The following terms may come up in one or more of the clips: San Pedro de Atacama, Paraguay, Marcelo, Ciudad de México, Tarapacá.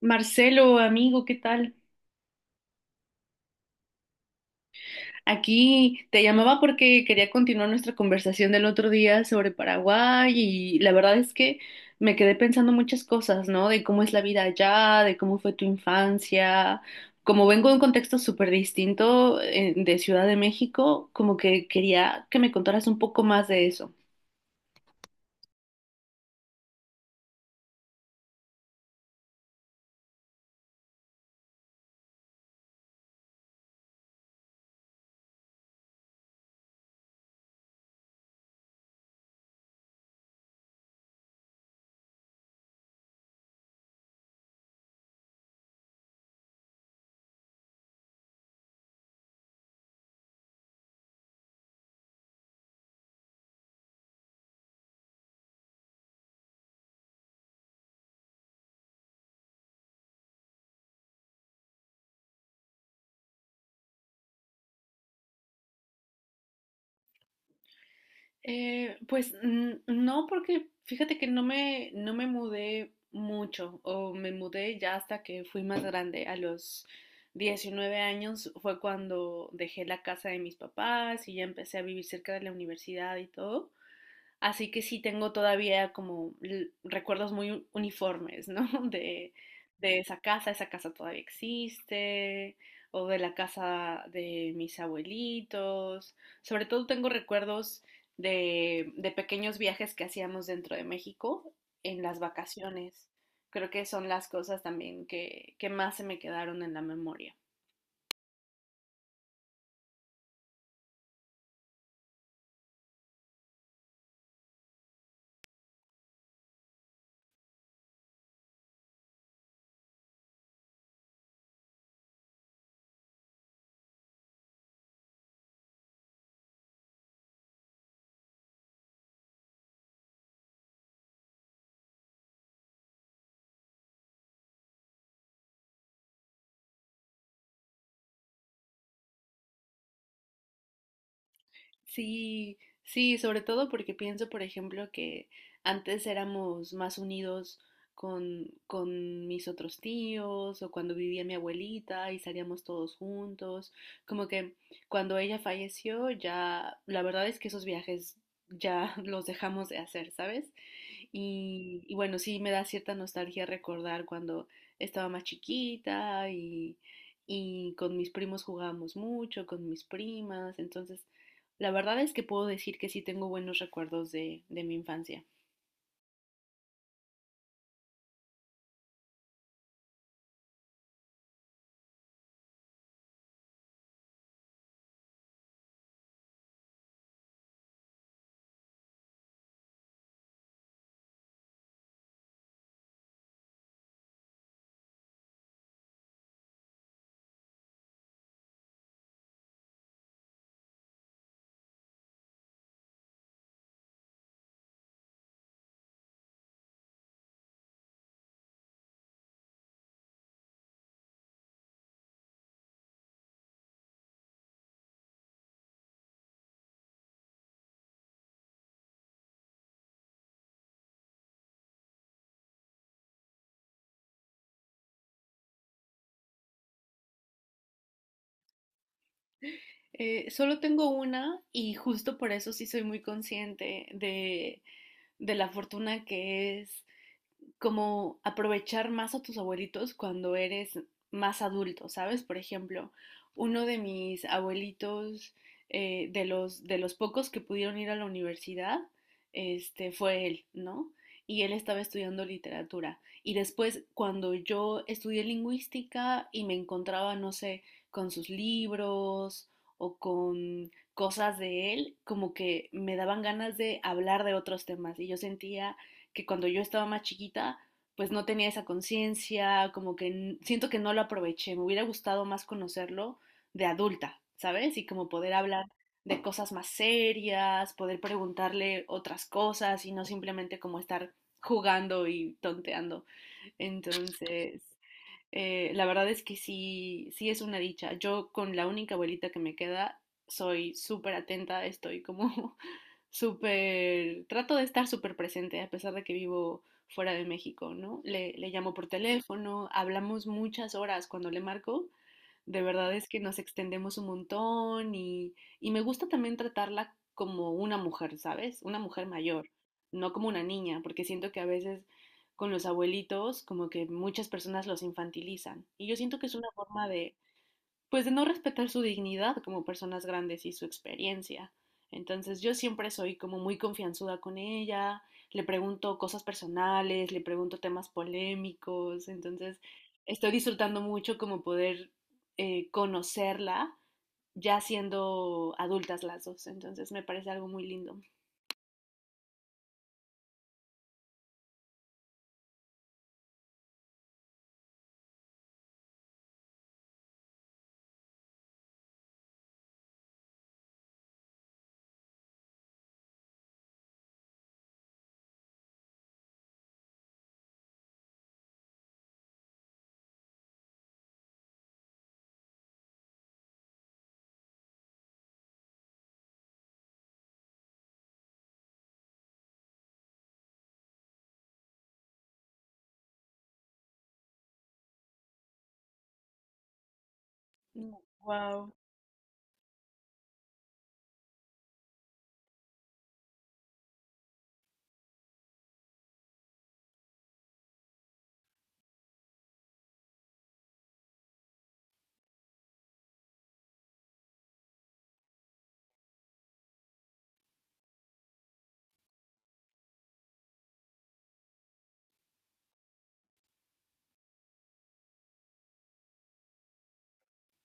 Marcelo, amigo, ¿qué tal? Aquí te llamaba porque quería continuar nuestra conversación del otro día sobre Paraguay y la verdad es que me quedé pensando muchas cosas, ¿no? De cómo es la vida allá, de cómo fue tu infancia. Como vengo de un contexto súper distinto de Ciudad de México, como que quería que me contaras un poco más de eso. Pues no, porque fíjate que no me mudé mucho, o me mudé ya hasta que fui más grande. A los 19 años fue cuando dejé la casa de mis papás y ya empecé a vivir cerca de la universidad y todo. Así que sí tengo todavía como recuerdos muy uniformes, ¿no? De, de esa casa todavía existe, o de la casa de mis abuelitos. Sobre todo tengo recuerdos de pequeños viajes que hacíamos dentro de México en las vacaciones. Creo que son las cosas también que más se me quedaron en la memoria. Sí, sí, sobre todo porque pienso, por ejemplo, que antes éramos más unidos con mis otros tíos o cuando vivía mi abuelita y salíamos todos juntos. Como que cuando ella falleció, ya, la verdad es que esos viajes ya los dejamos de hacer, ¿sabes? Y bueno, sí me da cierta nostalgia recordar cuando estaba más chiquita y con mis primos jugábamos mucho, con mis primas. Entonces, la verdad es que puedo decir que sí tengo buenos recuerdos de mi infancia. Solo tengo una y justo por eso sí soy muy consciente de la fortuna que es como aprovechar más a tus abuelitos cuando eres más adulto, ¿sabes? Por ejemplo, uno de mis abuelitos, de de los pocos que pudieron ir a la universidad, este, fue él, ¿no? Y él estaba estudiando literatura. Y después, cuando yo estudié lingüística y me encontraba, no sé, con sus libros o con cosas de él, como que me daban ganas de hablar de otros temas. Y yo sentía que cuando yo estaba más chiquita, pues no tenía esa conciencia, como que siento que no lo aproveché, me hubiera gustado más conocerlo de adulta, ¿sabes? Y como poder hablar de cosas más serias, poder preguntarle otras cosas y no simplemente como estar jugando y tonteando. Entonces, la verdad es que sí, sí es una dicha. Yo con la única abuelita que me queda, soy súper atenta, estoy como súper, trato de estar súper presente a pesar de que vivo fuera de México, ¿no? Le llamo por teléfono, hablamos muchas horas cuando le marco, de verdad es que nos extendemos un montón y me gusta también tratarla como una mujer, ¿sabes? Una mujer mayor, no como una niña, porque siento que a veces con los abuelitos como que muchas personas los infantilizan y yo siento que es una forma de, pues, de no respetar su dignidad como personas grandes y su experiencia. Entonces yo siempre soy como muy confianzuda con ella, le pregunto cosas personales, le pregunto temas polémicos, entonces estoy disfrutando mucho como poder conocerla ya siendo adultas las dos, entonces me parece algo muy lindo. Wow.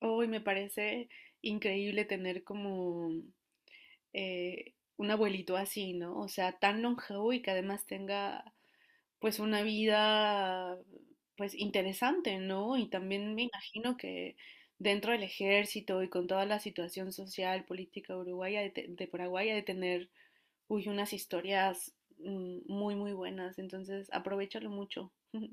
Hoy me parece increíble tener como un abuelito así, ¿no? O sea, tan longevo y que además tenga pues una vida pues interesante, ¿no? Y también me imagino que dentro del ejército y con toda la situación social, política uruguaya de Paraguay ha de tener, uy, unas historias muy, muy buenas, entonces aprovéchalo mucho.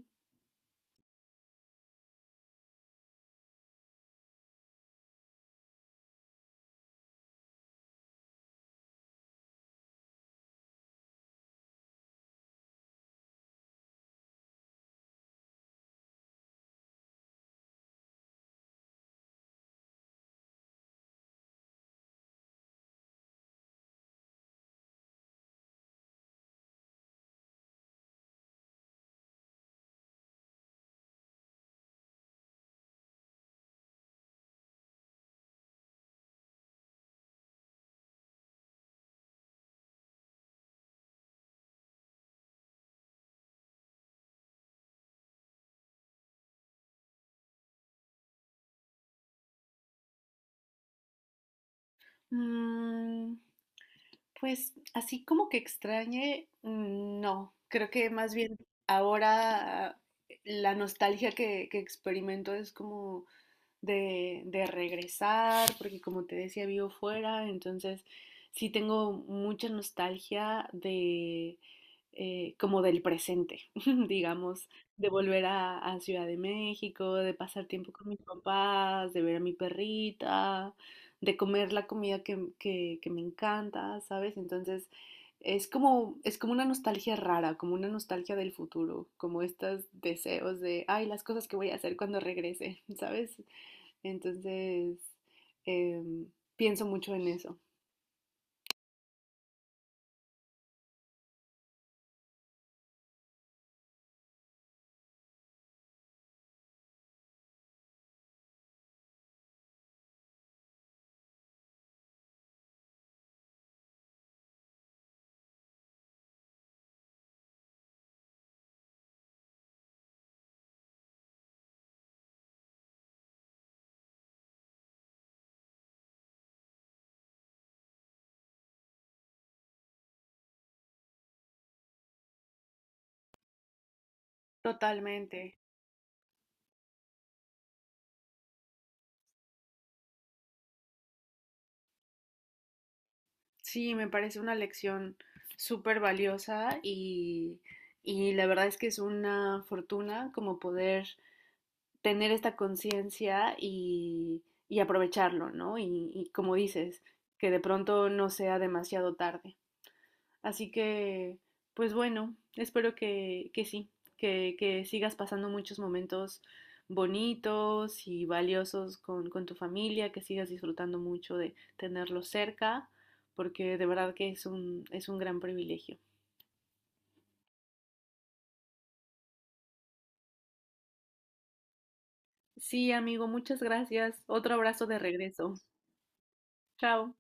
Mm, Pues, así como que extrañe, no. Creo que más bien ahora la nostalgia que experimento es como de regresar, porque como te decía, vivo fuera, entonces sí tengo mucha nostalgia de como del presente, digamos, de volver a Ciudad de México, de pasar tiempo con mis papás, de ver a mi perrita, de comer la comida que me encanta, ¿sabes? Entonces es como una nostalgia rara, como una nostalgia del futuro, como estos deseos de, ay, las cosas que voy a hacer cuando regrese, ¿sabes? Entonces em, pienso mucho en eso. Totalmente. Sí, me parece una lección súper valiosa y la verdad es que es una fortuna como poder tener esta conciencia y aprovecharlo, ¿no? Y como dices, que de pronto no sea demasiado tarde. Así que, pues bueno, espero que sí, que sigas pasando muchos momentos bonitos y valiosos con tu familia, que sigas disfrutando mucho de tenerlos cerca, porque de verdad que es un gran privilegio. Sí, amigo, muchas gracias. Otro abrazo de regreso. Chao.